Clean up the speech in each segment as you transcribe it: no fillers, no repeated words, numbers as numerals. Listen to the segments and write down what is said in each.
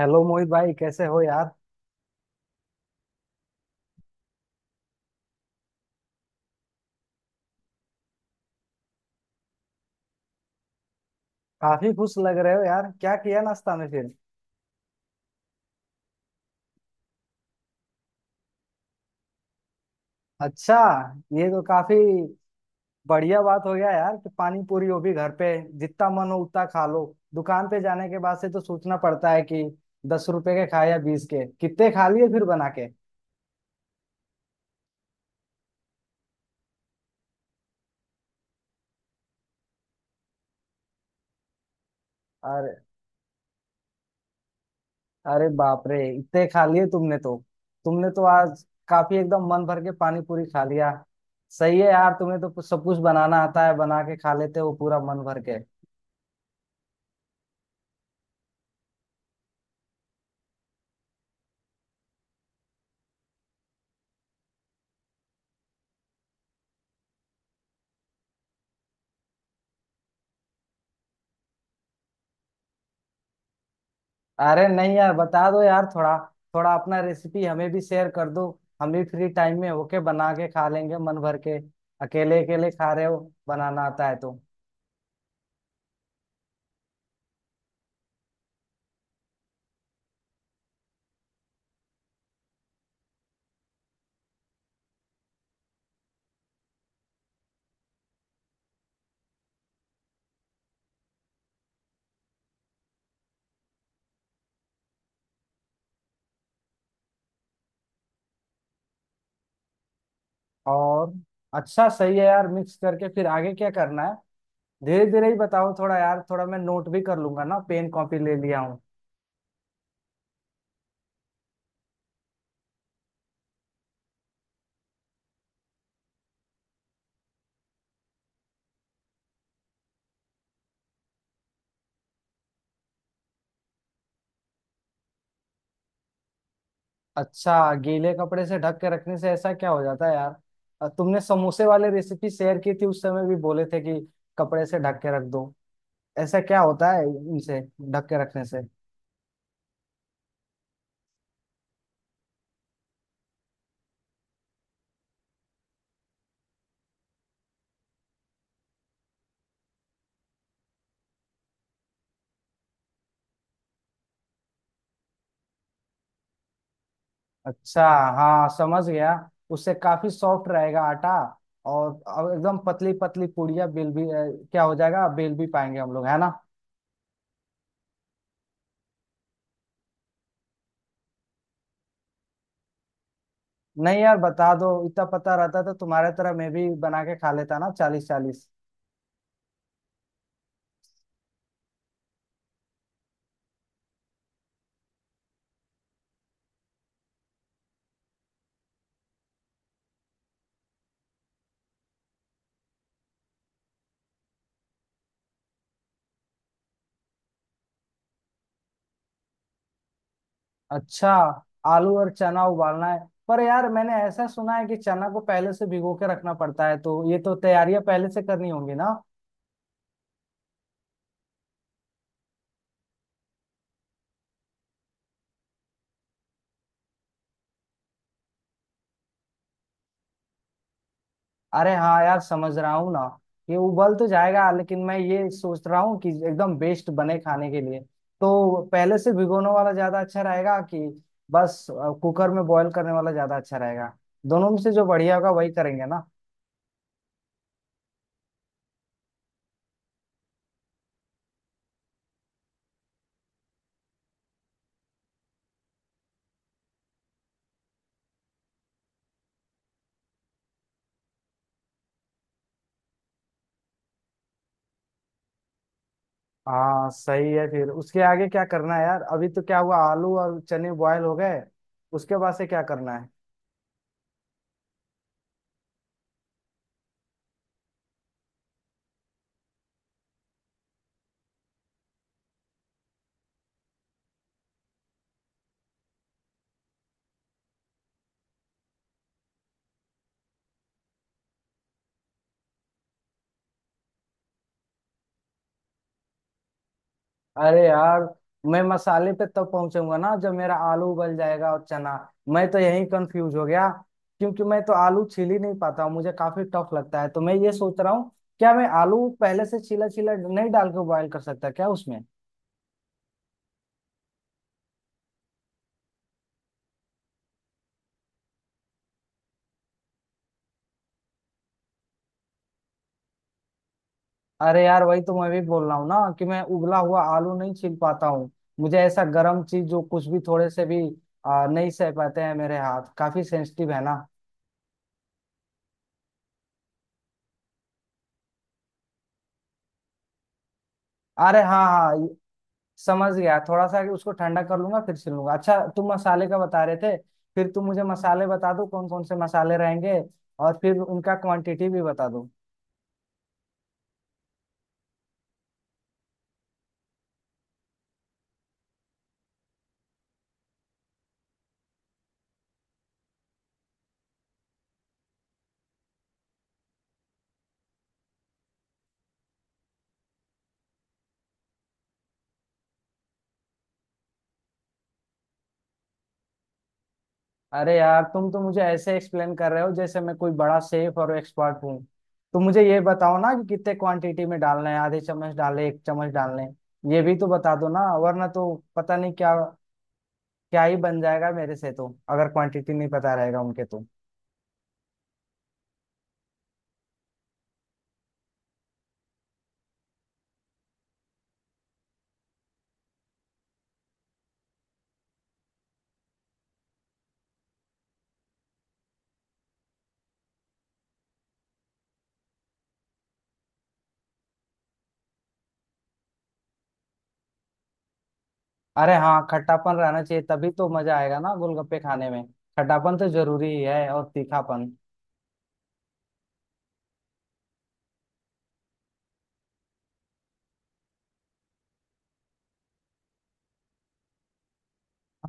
Hello Mohit भाई, कैसे हो यार? काफी खुश लग रहे हो यार, क्या किया नाश्ता में फिर? अच्छा। ये तो काफी बढ़िया बात हो गया यार कि पानी पूरी हो भी घर पे। जितना मन हो उतना खा लो। दुकान पे जाने के बाद से तो सोचना पड़ता है कि 10 रुपए के खाए या 20 के, कितने खा लिए फिर बना के। अरे। अरे बाप रे, इतने खा लिए तुमने तो। तुमने तो आज काफी एकदम मन भर के पानी पूरी खा लिया। सही है यार, तुम्हें तो सब कुछ बनाना आता है, बना के खा लेते हो पूरा मन भर के। अरे नहीं यार, बता दो यार, थोड़ा थोड़ा अपना रेसिपी हमें भी शेयर कर दो। हम भी फ्री टाइम में होके बना के खा लेंगे मन भर के। अकेले अकेले खा रहे हो। बनाना आता है तो। और। अच्छा, सही है यार, मिक्स करके फिर आगे क्या करना है। धीरे धीरे ही बताओ थोड़ा यार, थोड़ा मैं नोट भी कर लूंगा ना, पेन कॉपी ले लिया हूँ। अच्छा, गीले कपड़े से ढक के रखने से ऐसा क्या हो जाता है यार? तुमने समोसे वाले रेसिपी शेयर की थी उस समय भी बोले थे कि कपड़े से ढक के रख दो। ऐसा क्या होता है इनसे ढक के रखने से? अच्छा। हाँ समझ गया। उससे काफी सॉफ्ट रहेगा आटा। और अब एकदम पतली पतली पूड़ियाँ बेल भी क्या हो जाएगा, बेल भी पाएंगे हम लोग है ना? नहीं यार बता दो, इतना पता रहता तो तुम्हारे तरह मैं भी बना के खा लेता ना, 40-40। अच्छा। आलू और चना उबालना है। पर यार मैंने ऐसा सुना है कि चना को पहले से भिगो के रखना पड़ता है, तो ये तो तैयारियां पहले से करनी होंगी ना। अरे हाँ यार, समझ रहा हूँ ना। ये उबल तो जाएगा लेकिन मैं ये सोच रहा हूँ कि एकदम बेस्ट बने खाने के लिए तो पहले से भिगोने वाला ज्यादा अच्छा रहेगा कि बस कुकर में बॉईल करने वाला ज्यादा अच्छा रहेगा। दोनों में से जो बढ़िया होगा वही करेंगे ना। हाँ सही है, फिर उसके आगे क्या करना है यार? अभी तो क्या हुआ, आलू और चने बॉयल हो गए। उसके बाद से क्या करना है? अरे यार, मैं मसाले पे तब पहुंचूंगा ना जब मेरा आलू उबल जाएगा और चना। मैं तो यही कंफ्यूज हो गया, क्योंकि मैं तो आलू छील ही नहीं पाता हूँ, मुझे काफी टफ लगता है, तो मैं ये सोच रहा हूँ, क्या मैं आलू पहले से छीला छीला नहीं डाल के बॉयल कर सकता क्या उसमें? अरे यार, वही तो मैं भी बोल रहा हूँ ना कि मैं उबला हुआ आलू नहीं छील पाता हूँ। मुझे ऐसा गर्म चीज जो कुछ भी थोड़े से भी नहीं सह पाते हैं, मेरे हाथ काफी सेंसिटिव है ना। अरे हाँ हाँ, समझ गया, थोड़ा सा उसको ठंडा कर लूंगा फिर सिलूंगा। अच्छा, तुम मसाले का बता रहे थे, फिर तुम मुझे मसाले बता दो कौन कौन से मसाले रहेंगे, और फिर उनका क्वांटिटी भी बता दो। अरे यार, तुम तो मुझे ऐसे एक्सप्लेन कर रहे हो जैसे मैं कोई बड़ा शेफ और एक्सपर्ट हूँ। तो मुझे ये बताओ ना कि कितने क्वांटिटी में डालना है, आधे चम्मच डाले एक चम्मच डालने, ये भी तो बता दो ना, वरना तो पता नहीं क्या क्या ही बन जाएगा मेरे से, तो अगर क्वांटिटी नहीं पता रहेगा उनके तो। अरे हाँ, खट्टापन रहना चाहिए तभी तो मजा आएगा ना गोलगप्पे खाने में। खट्टापन तो जरूरी ही है और तीखापन।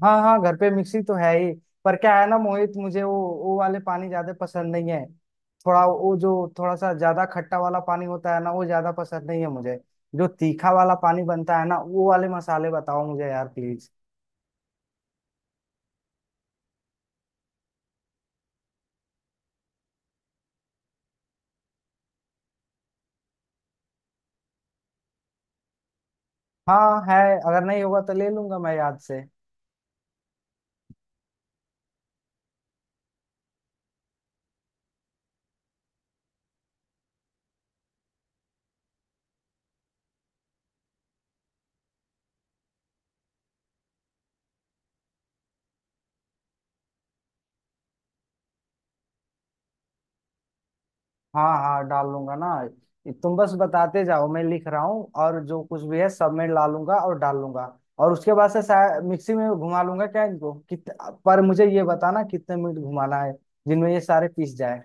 हाँ हाँ, घर पे मिक्सी तो है ही। पर क्या है ना मोहित, मुझे वो वाले पानी ज्यादा पसंद नहीं है। थोड़ा वो जो, थोड़ा सा ज्यादा खट्टा वाला पानी होता है ना, वो ज्यादा पसंद नहीं है मुझे। जो तीखा वाला पानी बनता है ना, वो वाले मसाले बताओ मुझे यार प्लीज। हाँ है, अगर नहीं होगा तो ले लूंगा मैं याद से। हाँ हाँ, डाल लूंगा ना। तुम बस बताते जाओ, मैं लिख रहा हूँ, और जो कुछ भी है सब मैं ला लूंगा और डाल लूंगा। और उसके बाद से शायद मिक्सी में घुमा लूंगा, क्या इनको कित पर मुझे ये बताना कितने मिनट घुमाना है, जिनमें ये सारे पीस जाए।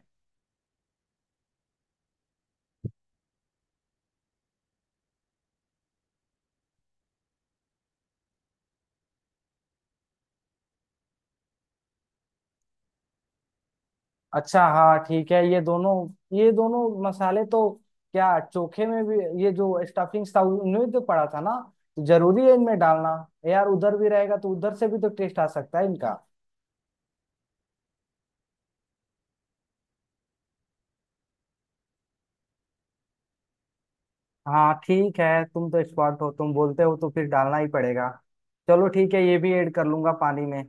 अच्छा हाँ ठीक है, ये दोनों मसाले तो, क्या चोखे में भी ये जो स्टफिंग था उनमें तो पड़ा था ना, तो जरूरी है इनमें डालना? यार उधर भी रहेगा तो उधर से भी तो टेस्ट आ सकता है इनका। हाँ ठीक है, तुम तो एक्सपर्ट हो, तुम बोलते हो तो फिर डालना ही पड़ेगा। चलो ठीक है, ये भी ऐड कर लूंगा पानी में।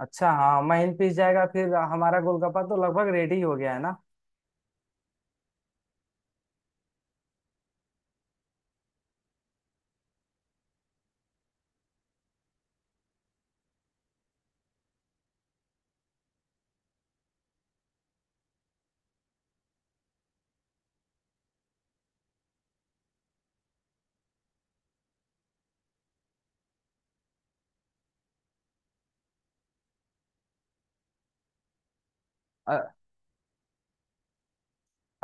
अच्छा हाँ महीन पिस जाएगा, फिर हमारा गोलगप्पा तो लगभग रेडी हो गया है ना।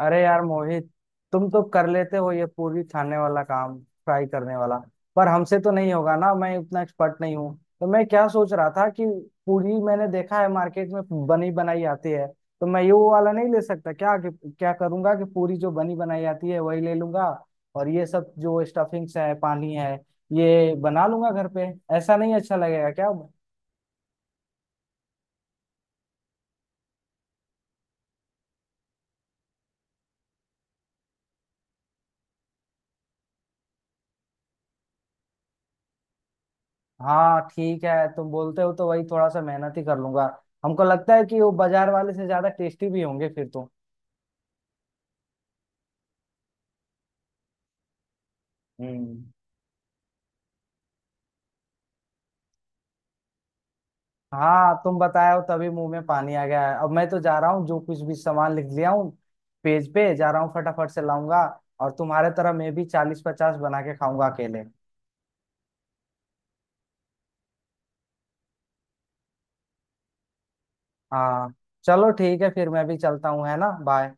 अरे यार मोहित, तुम तो कर लेते हो ये पूरी छानने वाला काम, फ्राई करने वाला, पर हमसे तो नहीं होगा ना, मैं उतना एक्सपर्ट नहीं हूँ। तो मैं क्या सोच रहा था कि पूरी मैंने देखा है मार्केट में बनी बनाई आती है, तो मैं ये वो वाला नहीं ले सकता क्या क्या करूंगा कि पूरी जो बनी बनाई आती है वही ले लूंगा, और ये सब जो स्टफिंग्स है, पानी है, ये बना लूंगा घर पे, ऐसा नहीं अच्छा लगेगा क्या? हाँ ठीक है, तुम बोलते हो तो वही थोड़ा सा मेहनत ही कर लूंगा। हमको लगता है कि वो बाजार वाले से ज्यादा टेस्टी भी होंगे फिर तो। हम्म। हाँ तुम बताए हो तभी मुंह में पानी आ गया है, अब मैं तो जा रहा हूँ, जो कुछ भी सामान लिख लिया हूँ, पेज पे जा रहा हूँ फटाफट से लाऊंगा, और तुम्हारे तरह मैं भी 40-50 बना के खाऊंगा अकेले। हाँ। चलो ठीक है फिर, मैं भी चलता हूँ है ना, बाय।